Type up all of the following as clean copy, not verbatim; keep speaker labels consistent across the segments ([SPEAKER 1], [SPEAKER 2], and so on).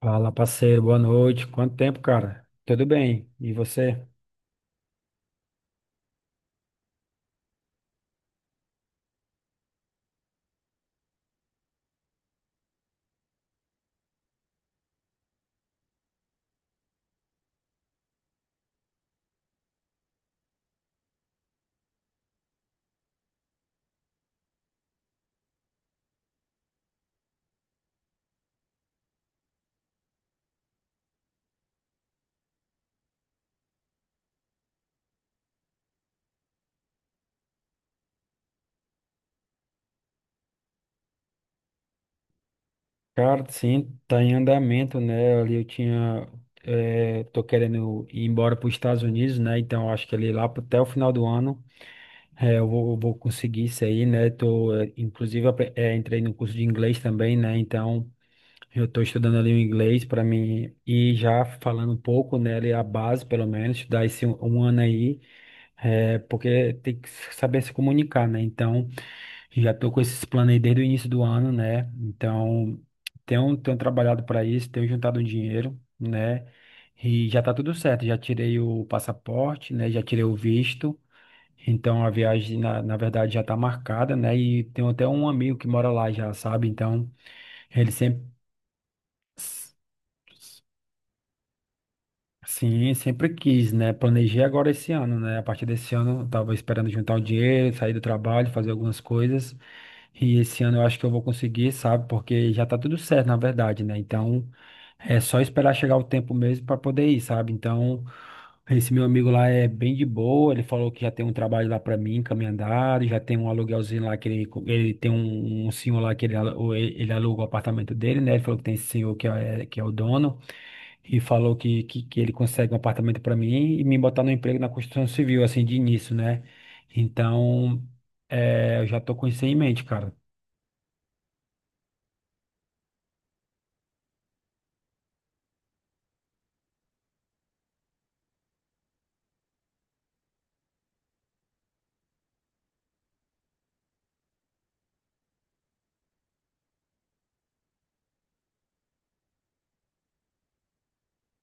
[SPEAKER 1] Fala, parceiro, boa noite. Quanto tempo, cara? Tudo bem? E você? Cara, sim, tá em andamento, né? Ali eu tinha. Tô querendo ir embora para os Estados Unidos, né? Então eu acho que ali lá pro- até o final do ano eu vou conseguir isso aí, né? Tô, inclusive, entrei no curso de inglês também, né? Então eu tô estudando ali o inglês para mim ir já falando um pouco, né? Ali a base, pelo menos, estudar esse um ano aí. É, porque tem que saber se comunicar, né? Então, já tô com esses planos aí desde o início do ano, né? Então, tenho trabalhado para isso, tenho juntado um dinheiro, né? E já tá tudo certo, já tirei o passaporte, né? Já tirei o visto. Então, a viagem, na verdade, já tá marcada, né? E tenho até um amigo que mora lá já, sabe? Então, ele sempre. Sim, sempre quis, né? Planejei agora esse ano, né? A partir desse ano, eu tava esperando juntar o dinheiro, sair do trabalho, fazer algumas coisas. E esse ano eu acho que eu vou conseguir, sabe? Porque já tá tudo certo, na verdade, né? Então, é só esperar chegar o tempo mesmo para poder ir, sabe? Então, esse meu amigo lá é bem de boa, ele falou que já tem um trabalho lá para mim, caminhandado, já tem um aluguelzinho lá que ele tem um senhor lá que ele aluga o apartamento dele, né? Ele falou que tem esse senhor que é o dono e falou que ele consegue um apartamento para mim e me botar no emprego na construção civil, assim, de início, né? Então, é, eu já tô com isso em mente, cara.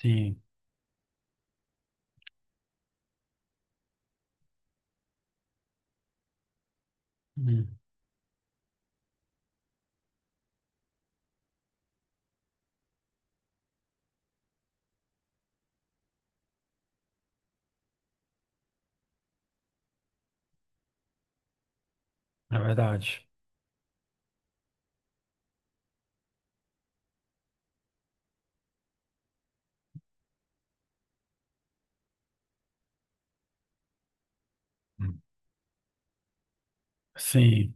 [SPEAKER 1] Sim, hum, é verdade. Hum. Sim,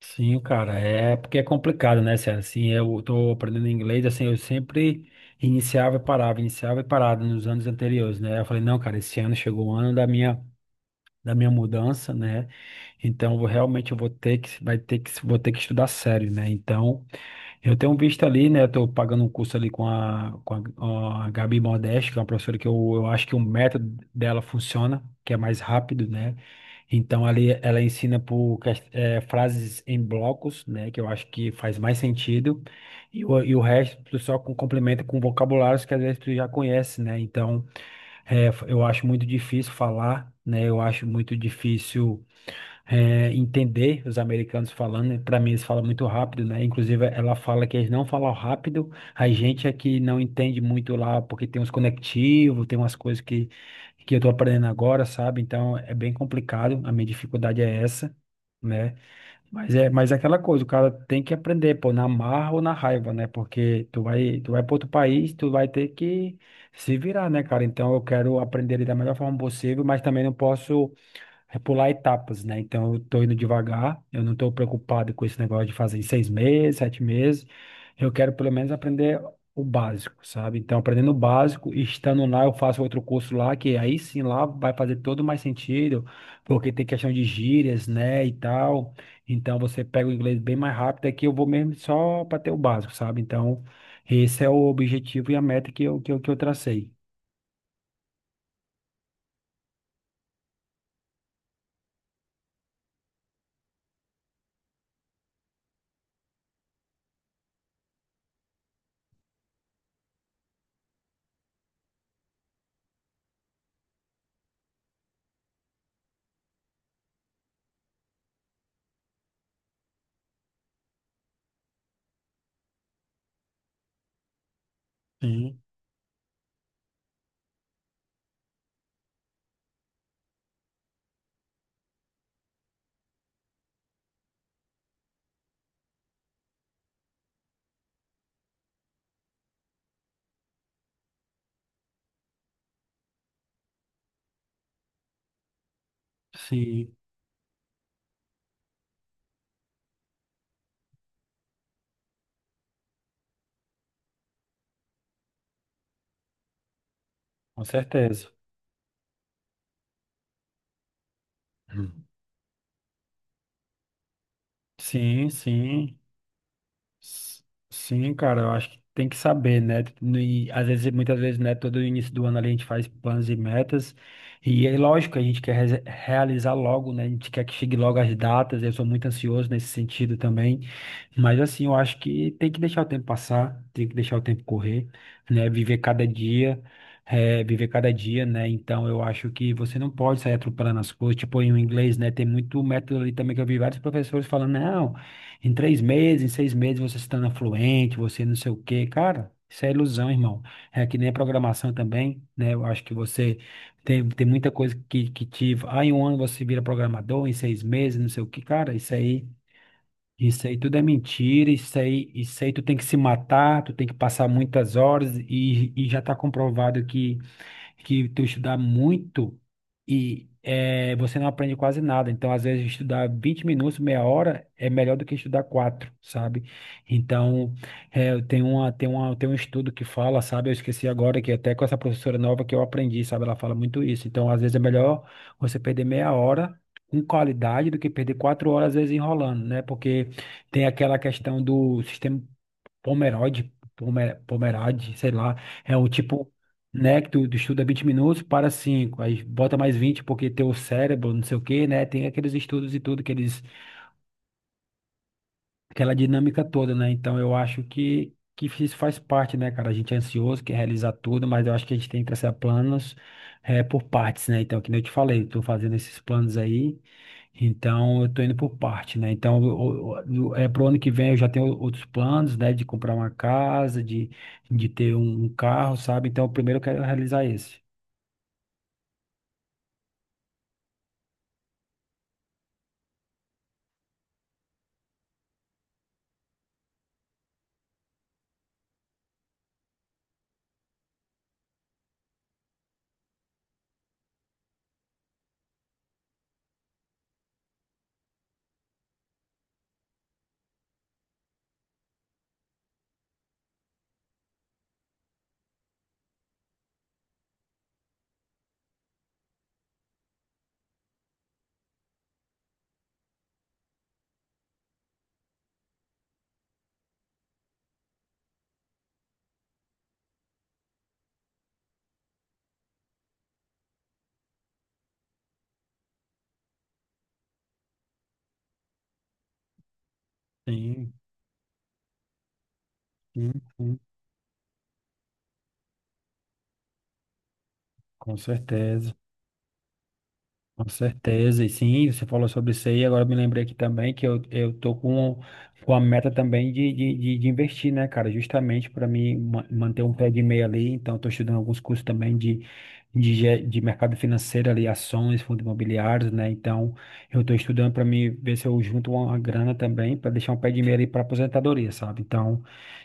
[SPEAKER 1] sim, cara. É porque é complicado, né, Sérgio? Assim, eu tô aprendendo inglês, assim, eu sempre iniciava e parava nos anos anteriores, né? Eu falei, não, cara, esse ano chegou o ano da minha mudança, né? Então, realmente eu vou ter que, vai ter que, vou ter que estudar sério, né? Então, eu tenho um visto ali, né? Estou pagando um curso ali com a Gabi Modeste, que é uma professora que eu acho que o método dela funciona, que é mais rápido, né? Então ali ela ensina por frases em blocos, né? Que eu acho que faz mais sentido. E o resto tu só complementa com vocabulários que às vezes tu já conhece, né? Então eu acho muito difícil falar, né? Eu acho muito difícil entender os americanos falando, para mim eles falam muito rápido, né? Inclusive ela fala que eles não falam rápido, a gente aqui não entende muito lá, porque tem uns conectivos, tem umas coisas que eu tô aprendendo agora, sabe? Então é bem complicado, a minha dificuldade é essa, né? Mas é aquela coisa, o cara tem que aprender, pô, na marra ou na raiva, né? Porque tu vai para outro país, tu vai ter que se virar, né, cara? Então eu quero aprender ele da melhor forma possível, mas também não posso pular etapas, né? Então eu tô indo devagar, eu não tô preocupado com esse negócio de fazer em seis meses, sete meses. Eu quero pelo menos aprender o básico, sabe? Então, aprendendo o básico, e estando lá, eu faço outro curso lá, que aí sim lá vai fazer todo mais sentido, porque tem questão de gírias, né? E tal. Então você pega o inglês bem mais rápido, aqui eu vou mesmo só para ter o básico, sabe? Então, esse é o objetivo e a meta que que eu tracei. Sim, sim, com certeza. Hum. Sim, sim. S- Sim, cara, eu acho que tem que saber, né? E às vezes, muitas vezes, né? Todo início do ano ali a gente faz planos e metas. E é lógico, a gente quer realizar logo, né? A gente quer que chegue logo as datas. Eu sou muito ansioso nesse sentido também. Mas assim, eu acho que tem que deixar o tempo passar, tem que deixar o tempo correr, né? Viver cada dia, viver cada dia, né? Então eu acho que você não pode sair atropelando as coisas, tipo em inglês, né? Tem muito método ali também que eu vi vários professores falando, não, em três meses, em seis meses você se torna fluente, você não sei o quê. Cara, isso é ilusão, irmão. É que nem a programação também, né? Eu acho que você tem muita coisa que te. Ah, em um ano você vira programador, em seis meses, não sei o quê. Cara, isso aí. Isso aí tu tem que se matar, tu tem que passar muitas horas e já está comprovado que tu estudar muito e você não aprende quase nada. Então, às vezes, estudar 20 minutos, meia hora, é melhor do que estudar quatro, sabe? Então, eu tem um estudo que fala, sabe? Eu esqueci agora, que até com essa professora nova que eu aprendi, sabe? Ela fala muito isso. Então, às vezes, é melhor você perder meia hora com qualidade do que perder quatro horas, às vezes, enrolando, né? Porque tem aquela questão do sistema Pomerade, sei lá, é o tipo, né, que tu estuda 20 minutos, para 5, aí bota mais 20 porque teu cérebro, não sei o quê, né, tem aqueles estudos e tudo que eles aquela dinâmica toda, né? Então eu acho que isso faz parte, né, cara? A gente é ansioso, quer realizar tudo, mas eu acho que a gente tem que traçar planos por partes, né? Então, que nem eu te falei, eu tô fazendo esses planos aí, então eu tô indo por parte, né? Então, pro ano que vem eu já tenho outros planos, né? De comprar uma casa, de ter um carro, sabe? Então, primeiro eu quero realizar esse. Sim, sim, sim, com certeza. Com certeza, e sim, você falou sobre isso aí, agora eu me lembrei aqui também que eu tô com a meta também de investir, né, cara, justamente para mim manter um pé de meia ali, então eu tô estudando alguns cursos também de mercado financeiro ali, ações, fundos imobiliários, né, então eu tô estudando para mim ver se eu junto uma grana também para deixar um pé de meia ali para aposentadoria, sabe, então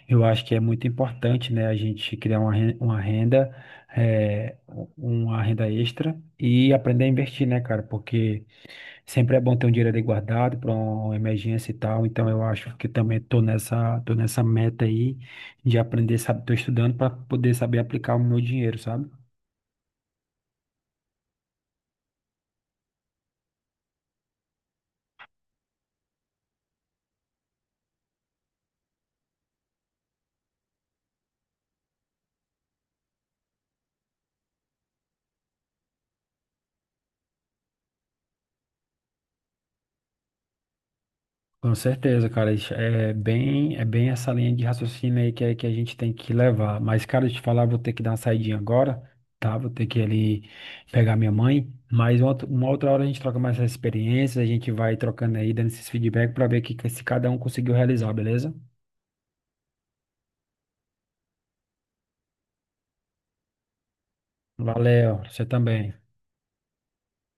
[SPEAKER 1] eu acho que é muito importante, né, a gente criar uma uma renda é, uma renda extra e aprender a investir, né, cara? Porque sempre é bom ter um dinheiro ali guardado para uma emergência e tal. Então eu acho que também tô nessa meta aí de aprender, sabe? Tô estudando para poder saber aplicar o meu dinheiro, sabe? Com certeza, cara, é bem essa linha de raciocínio aí que a gente tem que levar. Mas, cara, eu te falar, vou ter que dar uma saidinha agora, tá? Vou ter que ir ali pegar minha mãe. Mas uma outra hora a gente troca mais essas experiências, a gente vai trocando aí, dando esses feedback pra ver que se cada um conseguiu realizar, beleza? Valeu, você também.